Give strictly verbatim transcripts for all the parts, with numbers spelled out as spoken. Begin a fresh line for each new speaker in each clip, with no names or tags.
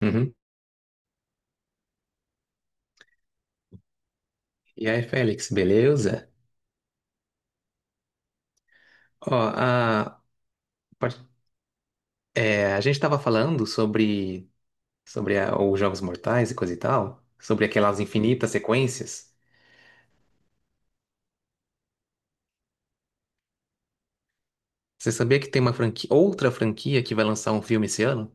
Uhum. E aí, Félix, beleza? Ó, a, part- é, a gente tava falando sobre, sobre a- os Jogos Mortais e coisa e tal, sobre aquelas infinitas sequências. Você sabia que tem uma franquia, outra franquia que vai lançar um filme esse ano?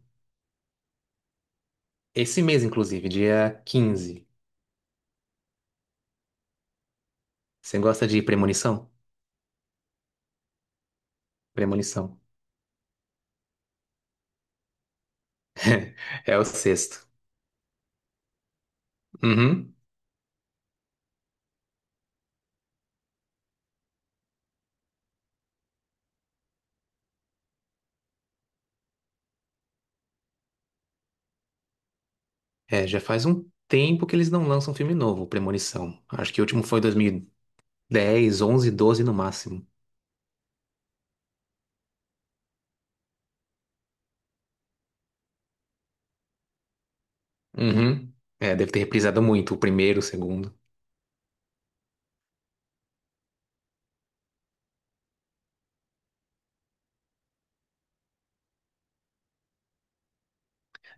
Esse mês, inclusive, dia quinze? Você gosta de Premonição? Premonição. É o sexto. Uhum. É, já faz um tempo que eles não lançam um filme novo, Premonição. Acho que o último foi dois mil e dez, onze, doze no máximo. Uhum. É, deve ter reprisado muito, o primeiro, o segundo.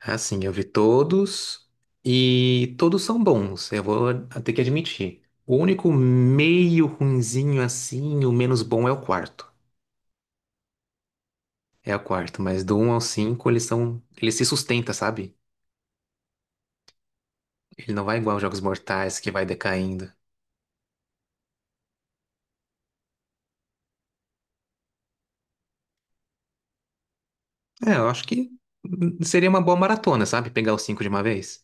Ah, sim, eu vi todos e todos são bons, eu vou ter que admitir. O único meio ruinzinho assim, o menos bom é o quarto. É o quarto, mas do um ao cinco eles são, ele se sustenta, sabe? Ele não vai igual aos Jogos Mortais que vai decaindo. É, eu acho que hum, seria uma boa maratona, sabe? Pegar os cinco de uma vez.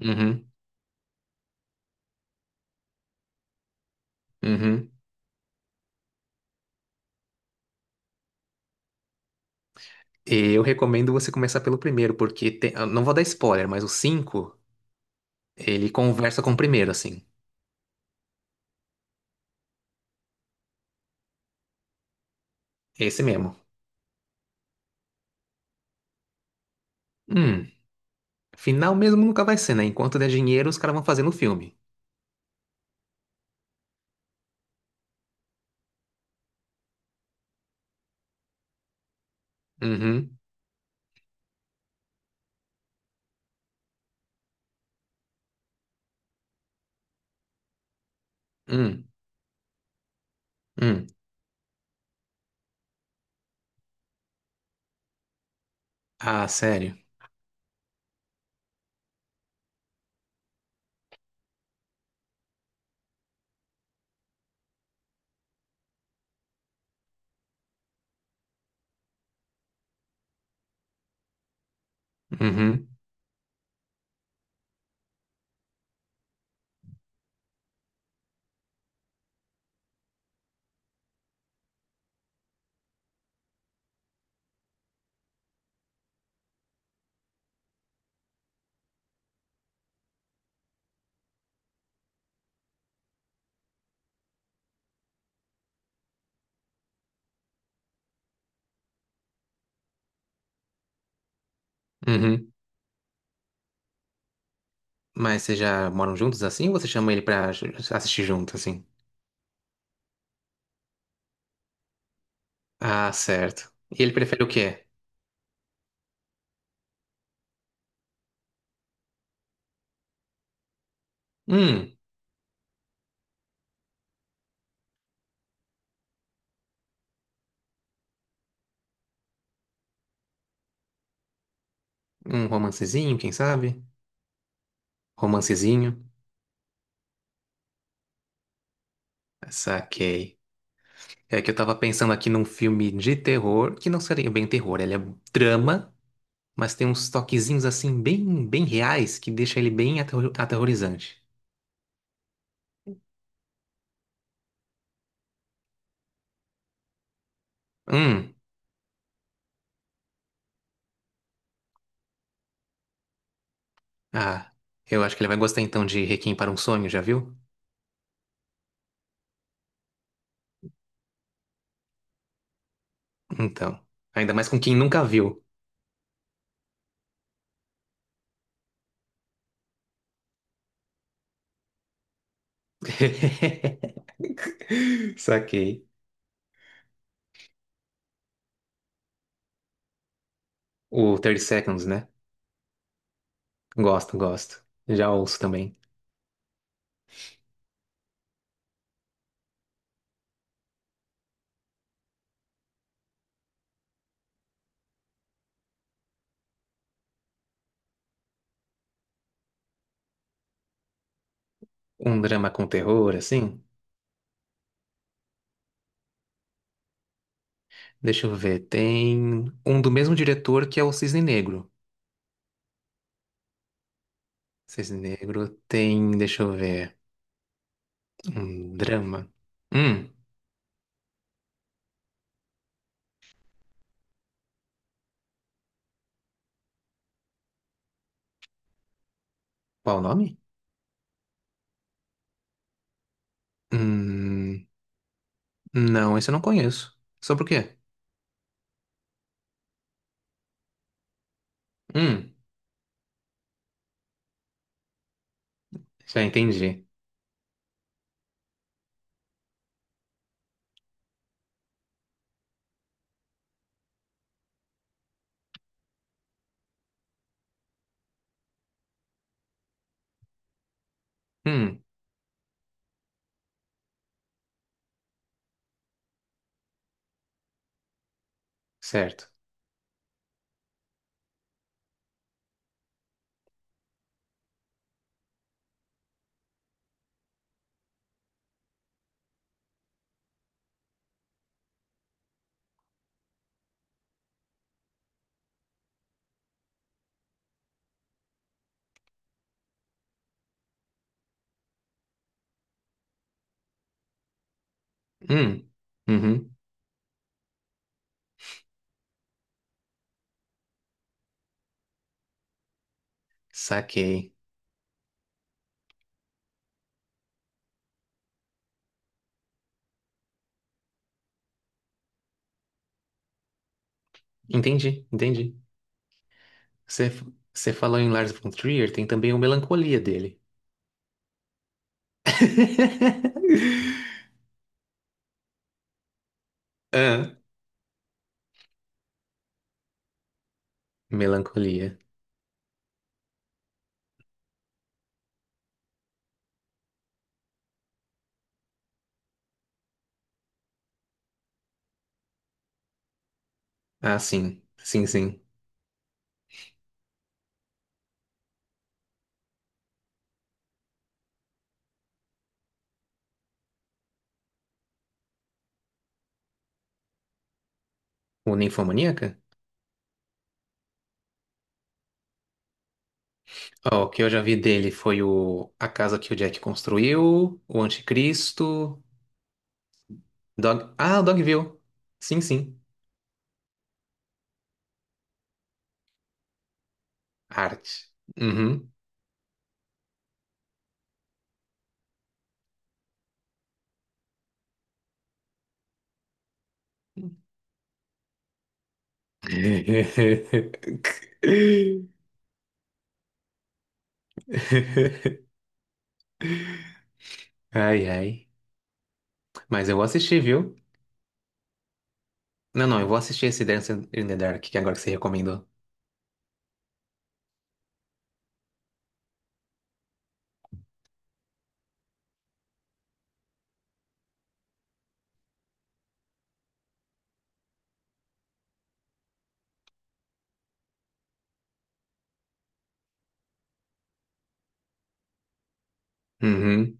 Uhum, uhum. E eu recomendo você começar pelo primeiro, porque tem- eu não vou dar spoiler, mas o cinco, ele conversa com o primeiro, assim. Esse mesmo. Hum, Final mesmo nunca vai ser, né? Enquanto der dinheiro, os caras vão fazendo o filme. Uhum, hum, hum. Ah, sério? Uhum, uhum. Mas vocês já moram juntos assim ou você chama ele pra ju- assistir junto, assim? Ah, certo. E ele prefere o quê? Hum, Um romancezinho, quem sabe? Romancezinho. Saquei. É que eu tava pensando aqui num filme de terror, que não seria bem terror, ele é drama, mas tem uns toquezinhos assim bem, bem reais que deixa ele bem aterro- aterrorizante. Hum, ah, eu acho que ele vai gostar então de Requiem para um Sonho, já viu? Então, ainda mais com quem nunca viu. Saquei. O thirty Seconds, né? Gosto, gosto. Já ouço também. Um drama com terror, assim. Deixa eu ver. Tem um do mesmo diretor que é o Cisne Negro. Cisne Negro tem, deixa eu ver, um drama. Hum, Qual o nome? Hum. Não, esse eu não conheço. Sobre o quê? Hum, Já entendi. Hum, Certo. Hum, uhum, saquei. Entendi, entendi. Você, você falou em Lars von Trier, tem também o Melancolia dele. Ah, melancolia. Ah, sim. Sim, sim. O Ninfomaníaca? Ó, o que eu já vi dele foi o A Casa que o Jack Construiu, o Anticristo, Dog... Ah, o Dogville. Sim, sim. Arte. Uhum. Ai, ai. Mas eu vou assistir, viu? Não, não, eu vou assistir esse Dance in the Dark, que é agora que você recomendou. Uhum.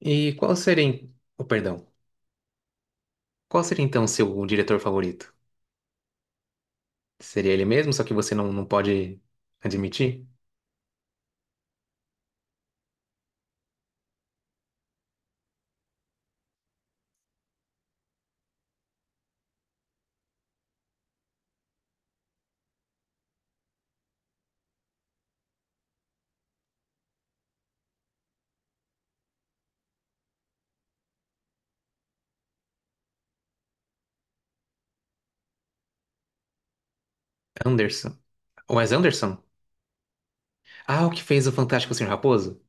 E qual seria, em- oh, perdão, qual seria então o seu diretor favorito? Seria ele mesmo, só que você não, não pode admitir? Anderson. Wes Anderson? Ah, o que fez o Fantástico Senhor Raposo?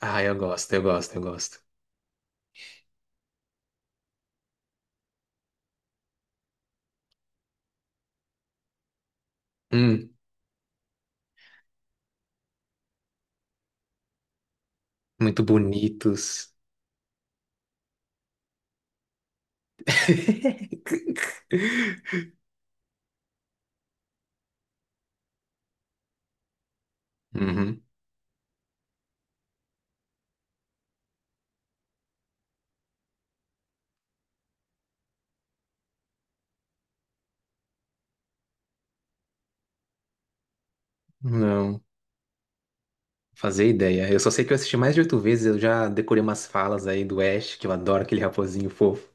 Ah, eu gosto, eu gosto, eu gosto. Hum, Muito bonitos. Uhum. Não. Fazer ideia. Eu só sei que eu assisti mais de oito vezes, eu já decorei umas falas aí do Ash, que eu adoro aquele raposinho fofo.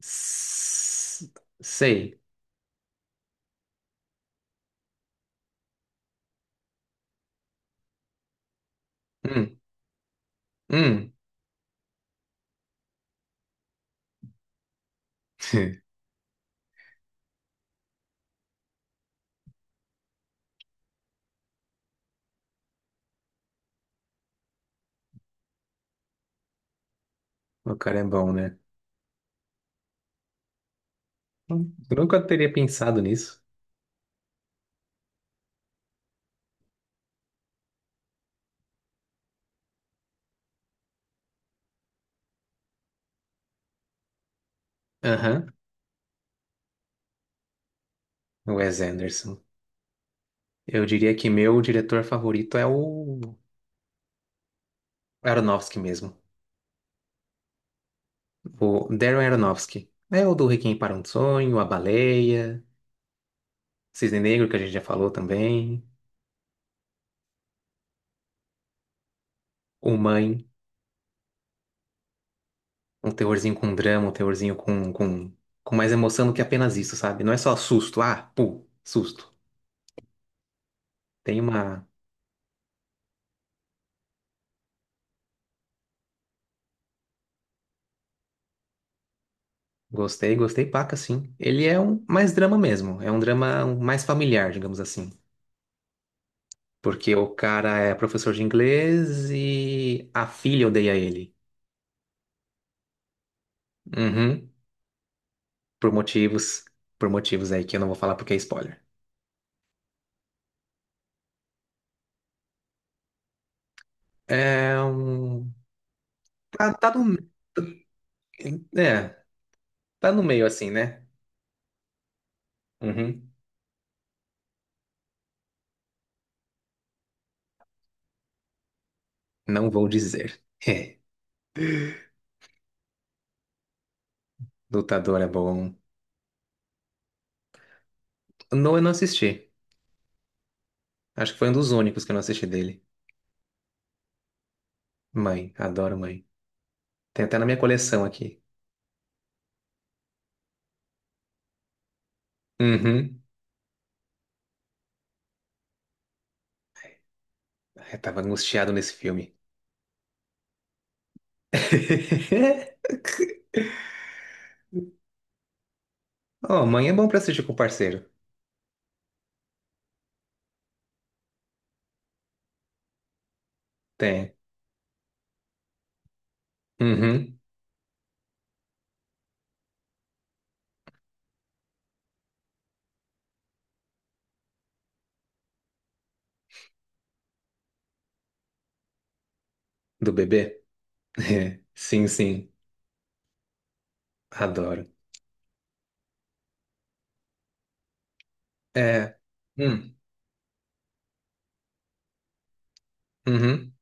S- Sei. Hum, hum. O cara é bom, né? Hum, Eu nunca teria pensado nisso. Aham. O Wes Anderson. Eu diria que meu diretor favorito é o Aronofsky mesmo. O Darren Aronofsky. É o do Requiem para um Sonho, A Baleia, Cisne Negro, que a gente já falou também. O Mãe. Um teorzinho com drama, um teorzinho com, com, com mais emoção do que apenas isso, sabe? Não é só susto, ah, pô, susto. Tem uma. Gostei, gostei, paca, sim. Ele é um mais drama mesmo, é um drama mais familiar, digamos assim. Porque o cara é professor de inglês e a filha odeia ele. Uhum. Por motivos, por motivos aí que eu não vou falar porque é spoiler. É um. Tá, tá no. É, tá no meio assim, né? Uhum. Não vou dizer. Lutador é bom. No, eu não assisti. Acho que foi um dos únicos que eu não assisti dele. Mãe, adoro Mãe. Tem até na minha coleção aqui. Uhum. Eu tava angustiado nesse filme. Oh, Mãe é bom pra assistir com o parceiro. Tem. Uhum. Do bebê? Sim, sim. Adoro. É. Hum. Uhum.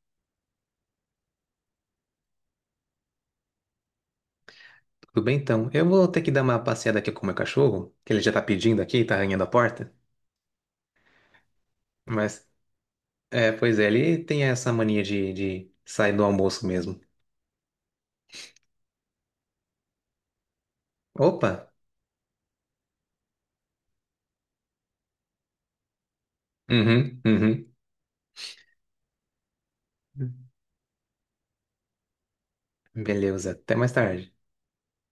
Tudo bem, então. Eu vou ter que dar uma passeada aqui com o meu cachorro, que ele já tá pedindo aqui, tá arranhando a porta. Mas, é, pois é, ele tem essa mania de, de, sair do almoço mesmo. Opa! Uhum, uhum. Beleza, até mais tarde.